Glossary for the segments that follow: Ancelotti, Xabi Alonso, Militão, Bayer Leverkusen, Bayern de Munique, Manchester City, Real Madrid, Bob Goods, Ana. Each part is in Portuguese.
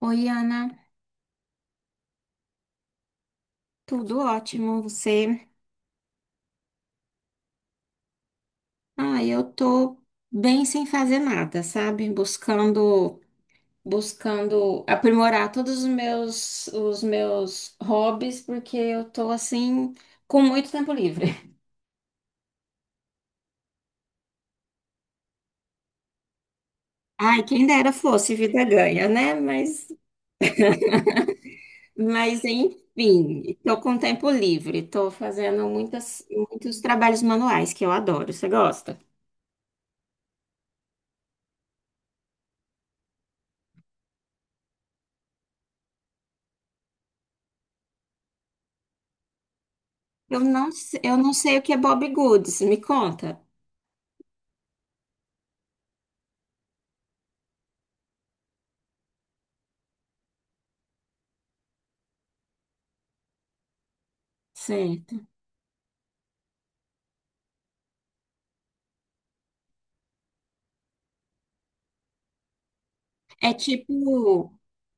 Oi, Ana, tudo ótimo, você? Ah, eu tô bem sem fazer nada, sabe? Buscando aprimorar os meus hobbies, porque eu tô assim com muito tempo livre. Ai, quem dera fosse, vida ganha, né? Mas enfim, tô com tempo livre, tô fazendo muitos trabalhos manuais que eu adoro. Você gosta? Eu não sei o que é Bob Goods, me conta. Certo. É tipo,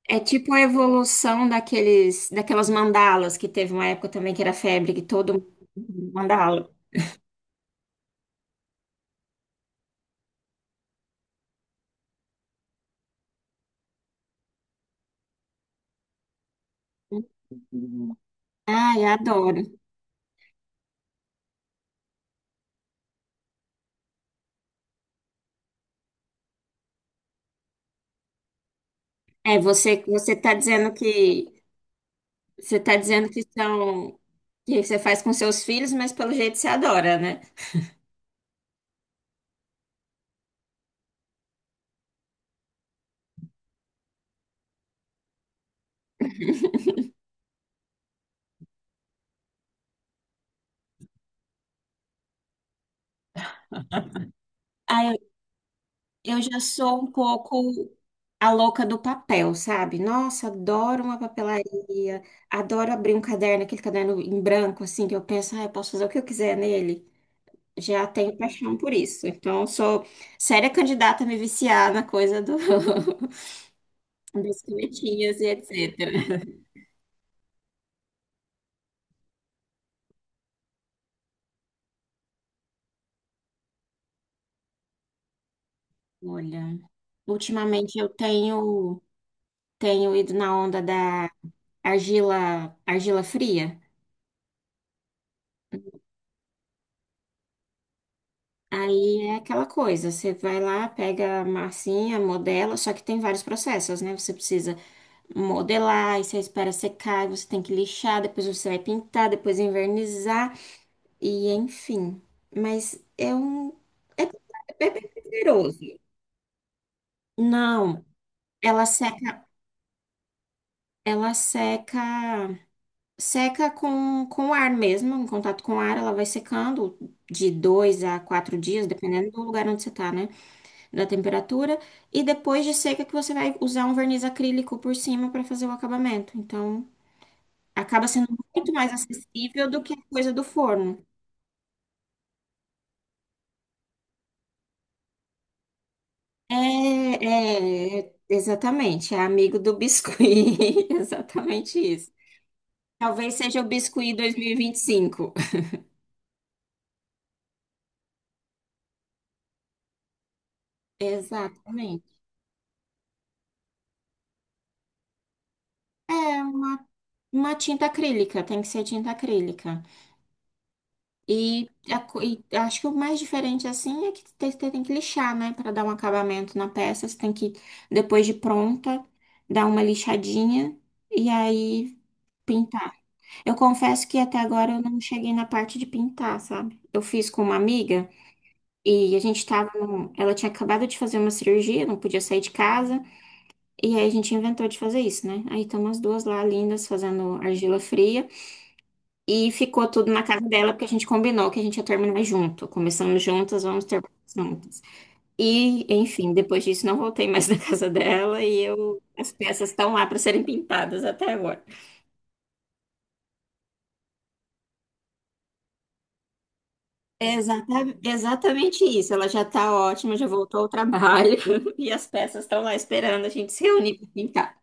é tipo a evolução daquelas mandalas que teve uma época também que era febre, que todo mundo mandala. Uhum. Ai, adoro. É, você tá dizendo que você tá dizendo que são que você faz com seus filhos, mas pelo jeito você adora, né? Ah, eu, eu já sou um pouco a louca do papel, sabe? Nossa, adoro uma papelaria, adoro abrir um caderno, aquele caderno em branco assim que eu penso, ah, eu posso fazer o que eu quiser nele. Já tenho paixão por isso. Então, eu sou séria candidata a me viciar na dos canetinhas e etc. Olha, ultimamente eu tenho, tenho ido na onda da argila fria. Aí é aquela coisa, você vai lá, pega a massinha, modela, só que tem vários processos, né? Você precisa modelar, aí você espera secar, aí você tem que lixar, depois você vai pintar, depois envernizar. E enfim, mas é, é bem poderoso. Não, ela seca, ela seca, seca com ar mesmo, em contato com ar, ela vai secando de dois a quatro dias, dependendo do lugar onde você tá, né? Da temperatura. E depois de seca que você vai usar um verniz acrílico por cima para fazer o acabamento. Então, acaba sendo muito mais acessível do que a coisa do forno. Exatamente, é amigo do biscuit, exatamente isso. Talvez seja o biscuit dois mil e vinte e cinco. Exatamente. É uma, uma tinta acrílica, tem que ser tinta acrílica. E acho que o mais diferente assim é que você tem que lixar, né, para dar um acabamento na peça. Depois de pronta, dar uma lixadinha e aí pintar. Eu confesso que até agora eu não cheguei na parte de pintar, sabe? Eu fiz com uma amiga. E a gente tava num... Ela tinha acabado de fazer uma cirurgia, não podia sair de casa. E aí a gente inventou de fazer isso, né? Aí estamos as duas lá, lindas, fazendo argila fria. E ficou tudo na casa dela, porque a gente combinou que a gente ia terminar junto. Começamos juntas, vamos terminar juntas. E, enfim, depois disso não voltei mais na casa dela. E eu... As peças estão lá para serem pintadas até agora. Exatamente isso. Ela já tá ótima, já voltou ao trabalho. E as peças estão lá esperando a gente se reunir para pintar.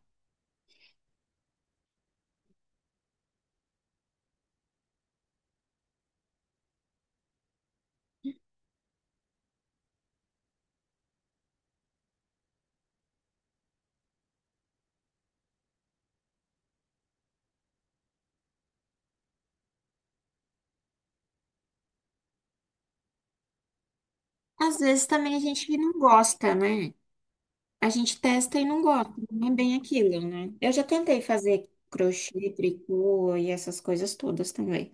Às vezes também a gente não gosta, né? A gente testa e não gosta, não é bem aquilo, né? Eu já tentei fazer crochê, tricô e essas coisas todas também.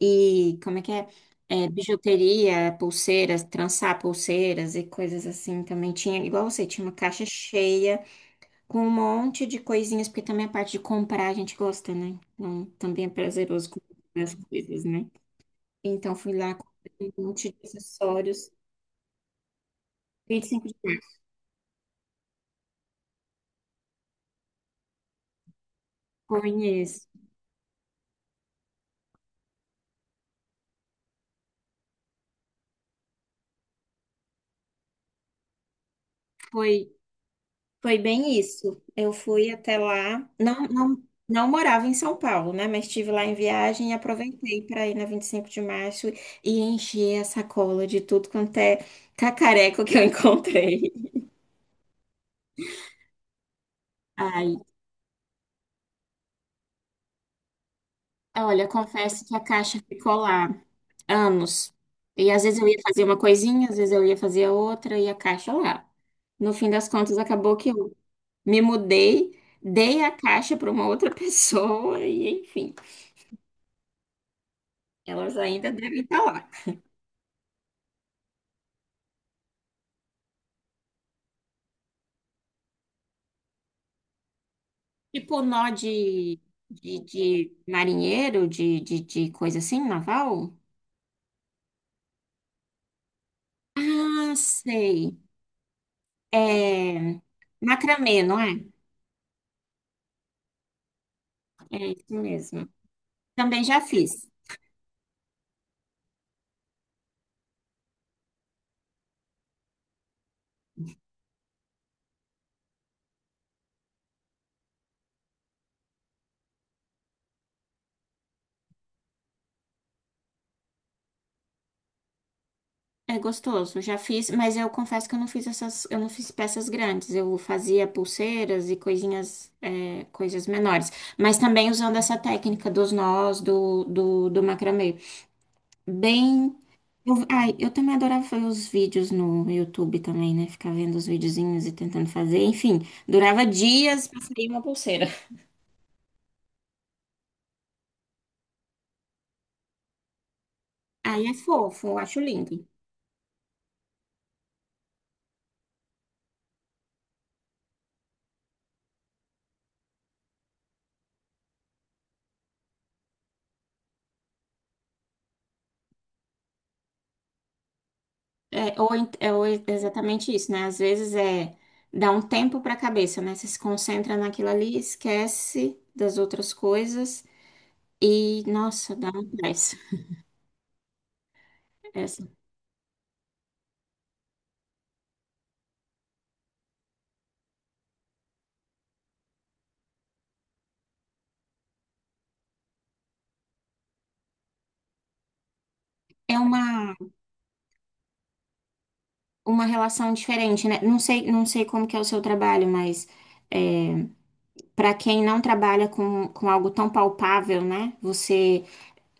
E como é que é? É, bijuteria, pulseiras, trançar pulseiras e coisas assim também. Tinha, igual você, tinha uma caixa cheia com um monte de coisinhas, porque também a parte de comprar a gente gosta, né? Então também é prazeroso comprar as coisas, né? Então fui lá, comprei um monte de acessórios, vinte e cinco de maio, conheço. Foi, foi bem isso. Eu fui até lá, não morava em São Paulo, né? Mas estive lá em viagem e aproveitei para ir na 25 de março e encher a sacola de tudo quanto é cacareco que eu encontrei. Ai, olha, confesso que a caixa ficou lá anos. E às vezes eu ia fazer uma coisinha, às vezes eu ia fazer outra e a caixa lá. No fim das contas, acabou que eu me mudei, dei a caixa para uma outra pessoa e, enfim, elas ainda devem estar lá. Tipo nó de marinheiro, de coisa assim, naval? Ah, sei. É macramê, não é? É isso mesmo. Também já fiz. É gostoso, já fiz, mas eu confesso que eu não fiz peças grandes, eu fazia pulseiras e coisinhas, é, coisas menores, mas também usando essa técnica dos nós, do macramê. Bem, eu também adorava fazer os vídeos no YouTube também, né? Ficar vendo os videozinhos e tentando fazer, enfim, durava dias pra sair uma pulseira. Aí é fofo, eu acho lindo. É ou exatamente isso, né? Às vezes dá um tempo para a cabeça, né? Você se concentra naquilo ali, esquece das outras coisas e, nossa, dá uma paz. Essa. É uma, uma relação diferente, né? Não sei como que é o seu trabalho, mas é, para quem não trabalha com algo tão palpável, né? Você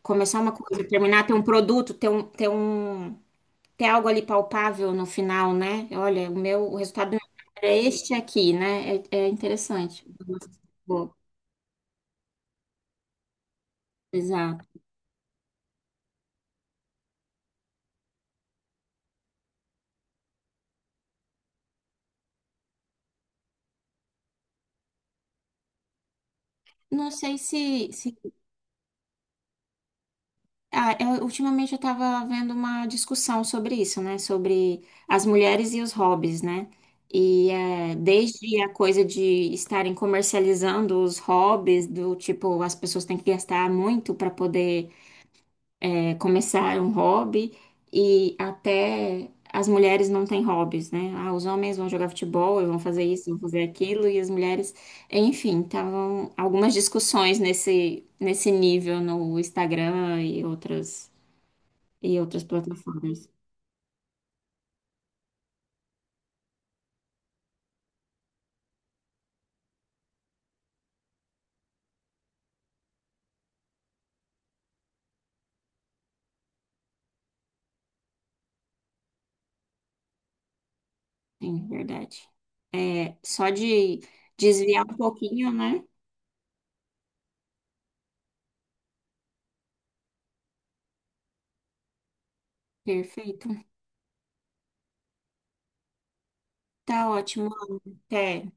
começar uma coisa, terminar, ter um produto, tem algo ali palpável no final, né? Olha, o resultado do meu trabalho é este aqui, né? É, é interessante. Boa, exato. Não sei se, se... Ah, ultimamente eu estava vendo uma discussão sobre isso, né? Sobre as mulheres e os hobbies, né? E é, desde a coisa de estarem comercializando os hobbies, do tipo, as pessoas têm que gastar muito para poder é, começar um hobby e até as mulheres não têm hobbies, né? Ah, os homens vão jogar futebol, e vão fazer isso, vão fazer aquilo, e as mulheres, enfim, estavam algumas discussões nesse nível no Instagram e outras plataformas. Sim, verdade. É, só de desviar um pouquinho, né? Perfeito. Tá ótimo. Até.